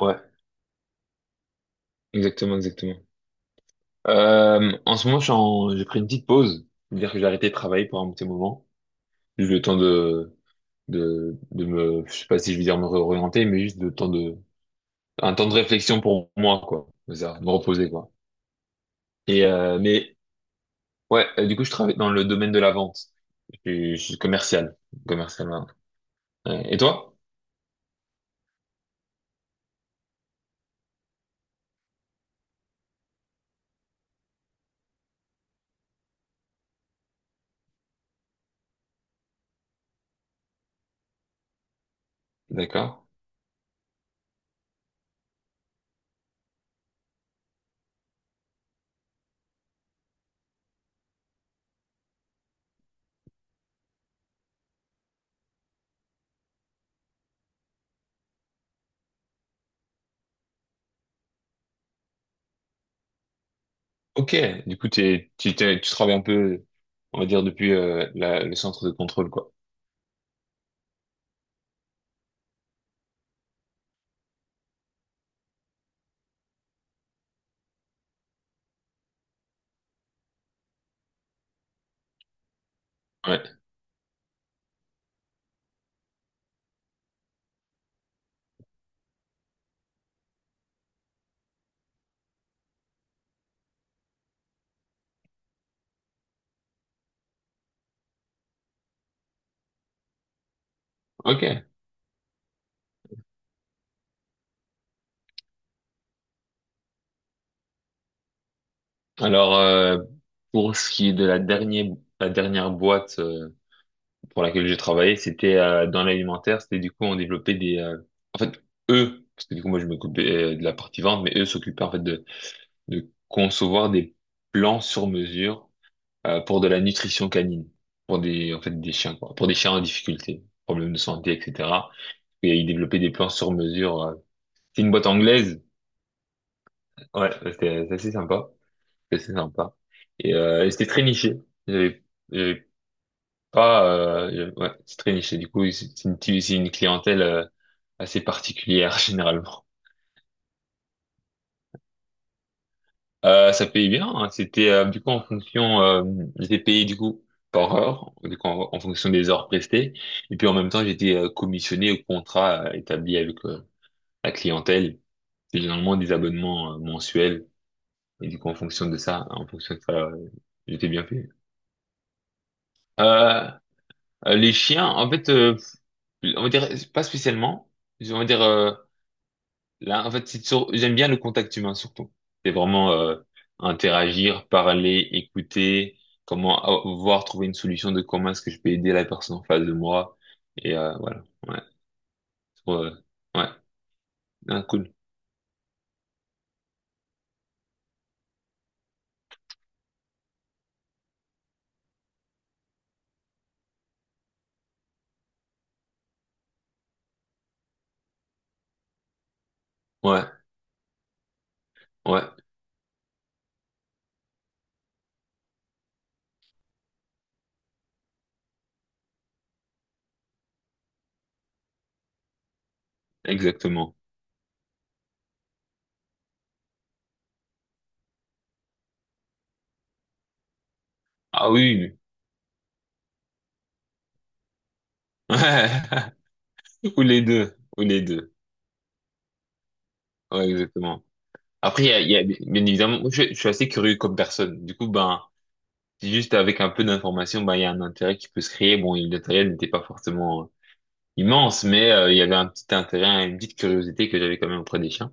Ouais, exactement, exactement. En ce moment, j'ai pris une petite pause. C'est-à-dire que j'ai arrêté de travailler pour un petit moment. Juste le temps de, de me, je sais pas si je veux dire me réorienter, mais juste le temps de, un temps de réflexion pour moi, quoi. C'est ça, me reposer, quoi. Et, mais, ouais, du coup, je travaille dans le domaine de la vente. Je suis commercial. Commercial, hein. Et toi? D'accord. Ok. Du coup, tu travailles un peu, on va dire, depuis, le centre de contrôle, quoi. Ouais. Ok. Alors, pour ce qui est de la dernière boîte pour laquelle j'ai travaillé, c'était dans l'alimentaire. C'était du coup, on développait en fait, eux, parce que du coup, moi, je m'occupais de la partie vente, mais eux s'occupaient en fait de concevoir des plans sur mesure pour de la nutrition canine, pour des, en fait, des chiens, quoi, pour des chiens en difficulté, problèmes de santé, etc. Et ils développaient des plans sur mesure. Euh. C'est une boîte anglaise. Ouais, c'est assez sympa. Que c'est sympa. Et c'était très niché. J'avais j'avais pas, ouais, c'est très niché. Du coup, c'est c'est une clientèle assez particulière généralement. Ça payait bien. Hein. C'était du coup en fonction, j'étais payé du coup par heure, du coup en, en fonction des heures prestées. Et puis en même temps, j'étais commissionné au contrat établi avec la clientèle. C'est généralement des abonnements mensuels. Et du coup, en fonction de ça, en fonction de ça, j'étais bien payé. Euh, les chiens, en fait. Euh, on va dire, pas spécialement. On va dire, là, en fait, j'aime bien le contact humain surtout. C'est vraiment interagir, parler, écouter, voir, trouver une solution de comment est-ce que je peux aider la personne en face de moi. Et voilà, ouais. Ouais, ouais. Ah, cool. Ouais, ouais, exactement. Ah oui, oui, ouais. Ou les deux, ou les deux. Ouais, exactement. Après, bien évidemment, moi, je suis assez curieux comme personne. Du coup, ben, c'est juste avec un peu d'information, bah, il y a un intérêt qui peut se créer. Bon, l'intérêt n'était pas forcément immense, mais il y avait un petit intérêt, une petite curiosité que j'avais quand même auprès des chiens,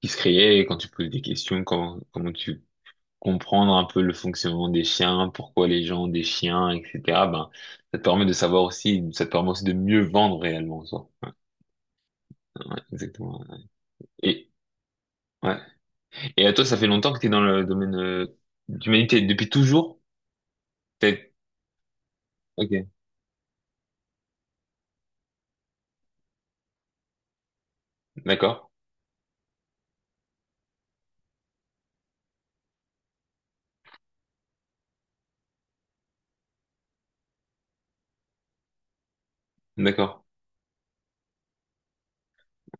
qui se créait et quand tu poses des questions, comment tu comprendre un peu le fonctionnement des chiens, pourquoi les gens ont des chiens, etc. Ben, ça te permet de savoir aussi, ça te permet aussi de mieux vendre réellement en soi. Ouais, ouais, exactement. Et, ouais. Et à toi, ça fait longtemps que tu es dans le domaine d'humanité, depuis toujours? T'es- Ok, d'accord, d'accord,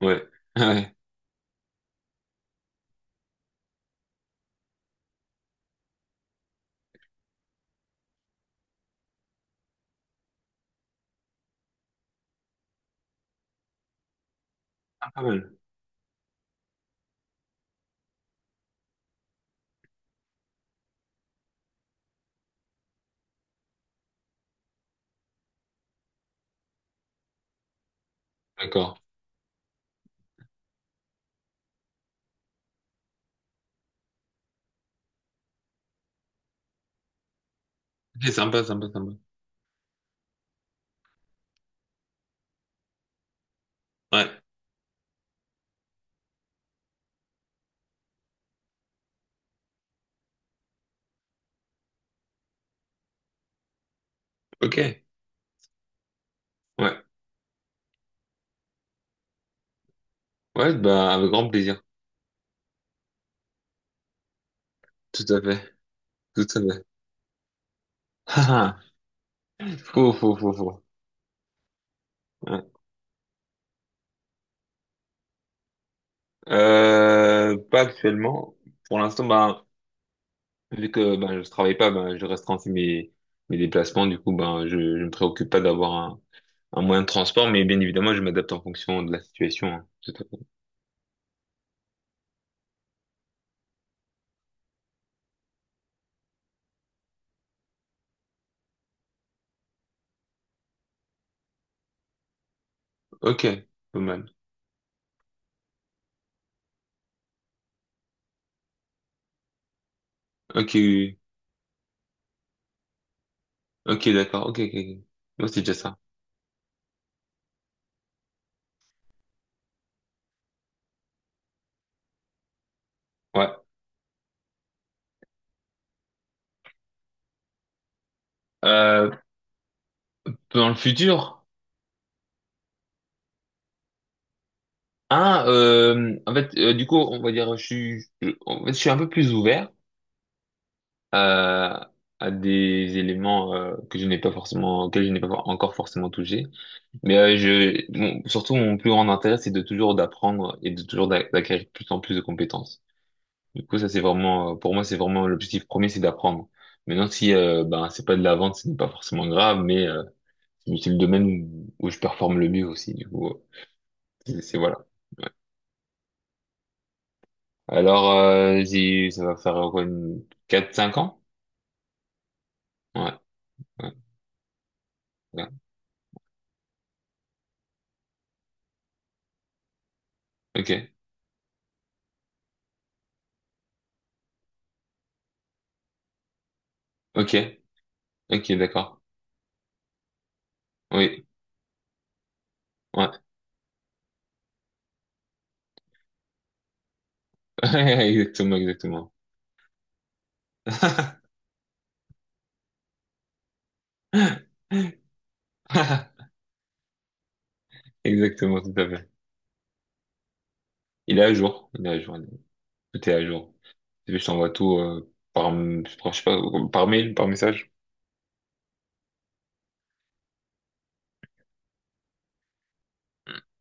ouais. Ouais. Ah, pas mal. D'accord. Ok, sympa, sympa, sympa. Ouais. Ok. Ouais. Ouais, bah, avec grand plaisir. Tout à fait. Tout à fait. Ah, ah. Faux, faux, faux, faux. Ouais. Pas actuellement. Pour l'instant, ben, vu que ben, je travaille pas, ben, je restreins aussi mes, mes déplacements. Du coup, ben, je me préoccupe pas d'avoir un moyen de transport, mais bien évidemment, je m'adapte en fonction de la situation. Hein. Tout à fait. Ok. Pas mal. Ok, oui. Ok, d'accord. Ok, ok, ok. Moi, c'est déjà ça. Ouais. Euh, dans le futur. Ah, en fait, du coup, on va dire, en fait, je suis un peu plus ouvert à, à des éléments que je n'ai pas forcément, auxquels je n'ai pas encore forcément touché. Mais surtout, mon plus grand intérêt, c'est de toujours d'apprendre et de toujours d'acquérir de plus en plus de compétences. Du coup, ça, c'est vraiment, pour moi, c'est vraiment l'objectif premier, c'est d'apprendre. Maintenant, si ben, c'est pas de la vente, ce n'est pas forcément grave, mais c'est le domaine où, où je performe le mieux aussi. Du coup, voilà. Alors, ça va faire quoi, une... quatre cinq ans? Ouais, ouais, ouais. Ok, ok, ok, d'accord. Oui, ouais. Exactement, exactement. Exactement, tout à fait. Il est à jour, il est à jour, tout est à jour. Je t'envoie tout par, je sais pas, par mail, par message.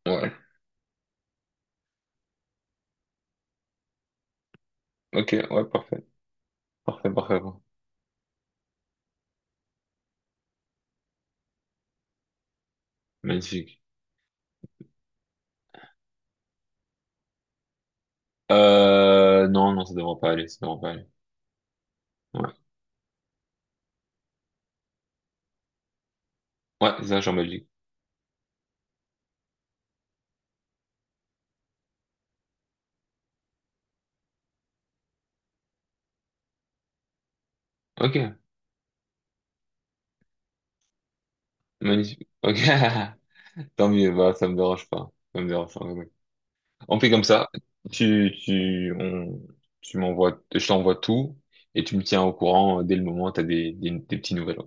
Ouais, ok, ouais, parfait, parfait, parfait, parfait. Magnifique. Non, non, ça devrait pas aller, ça devrait pas aller. Ouais, ouais, c'est ça, je suis en Belgique. Ok, magnifique. Ok. Tant mieux, bah, ça me dérange pas. Ça me dérange pas. Oui. On fait comme ça. Tu, tu, on, tu m'envoies, je t'envoie tout et tu me tiens au courant dès le moment où t'as des petits nouvelles.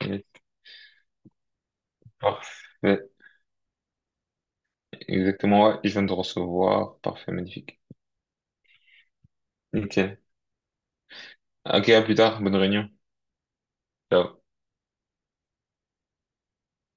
Ouais. Parfait. Exactement, ouais. Je viens de recevoir. Parfait, magnifique. Nickel. Ok, à plus tard. Bonne réunion. Ciao.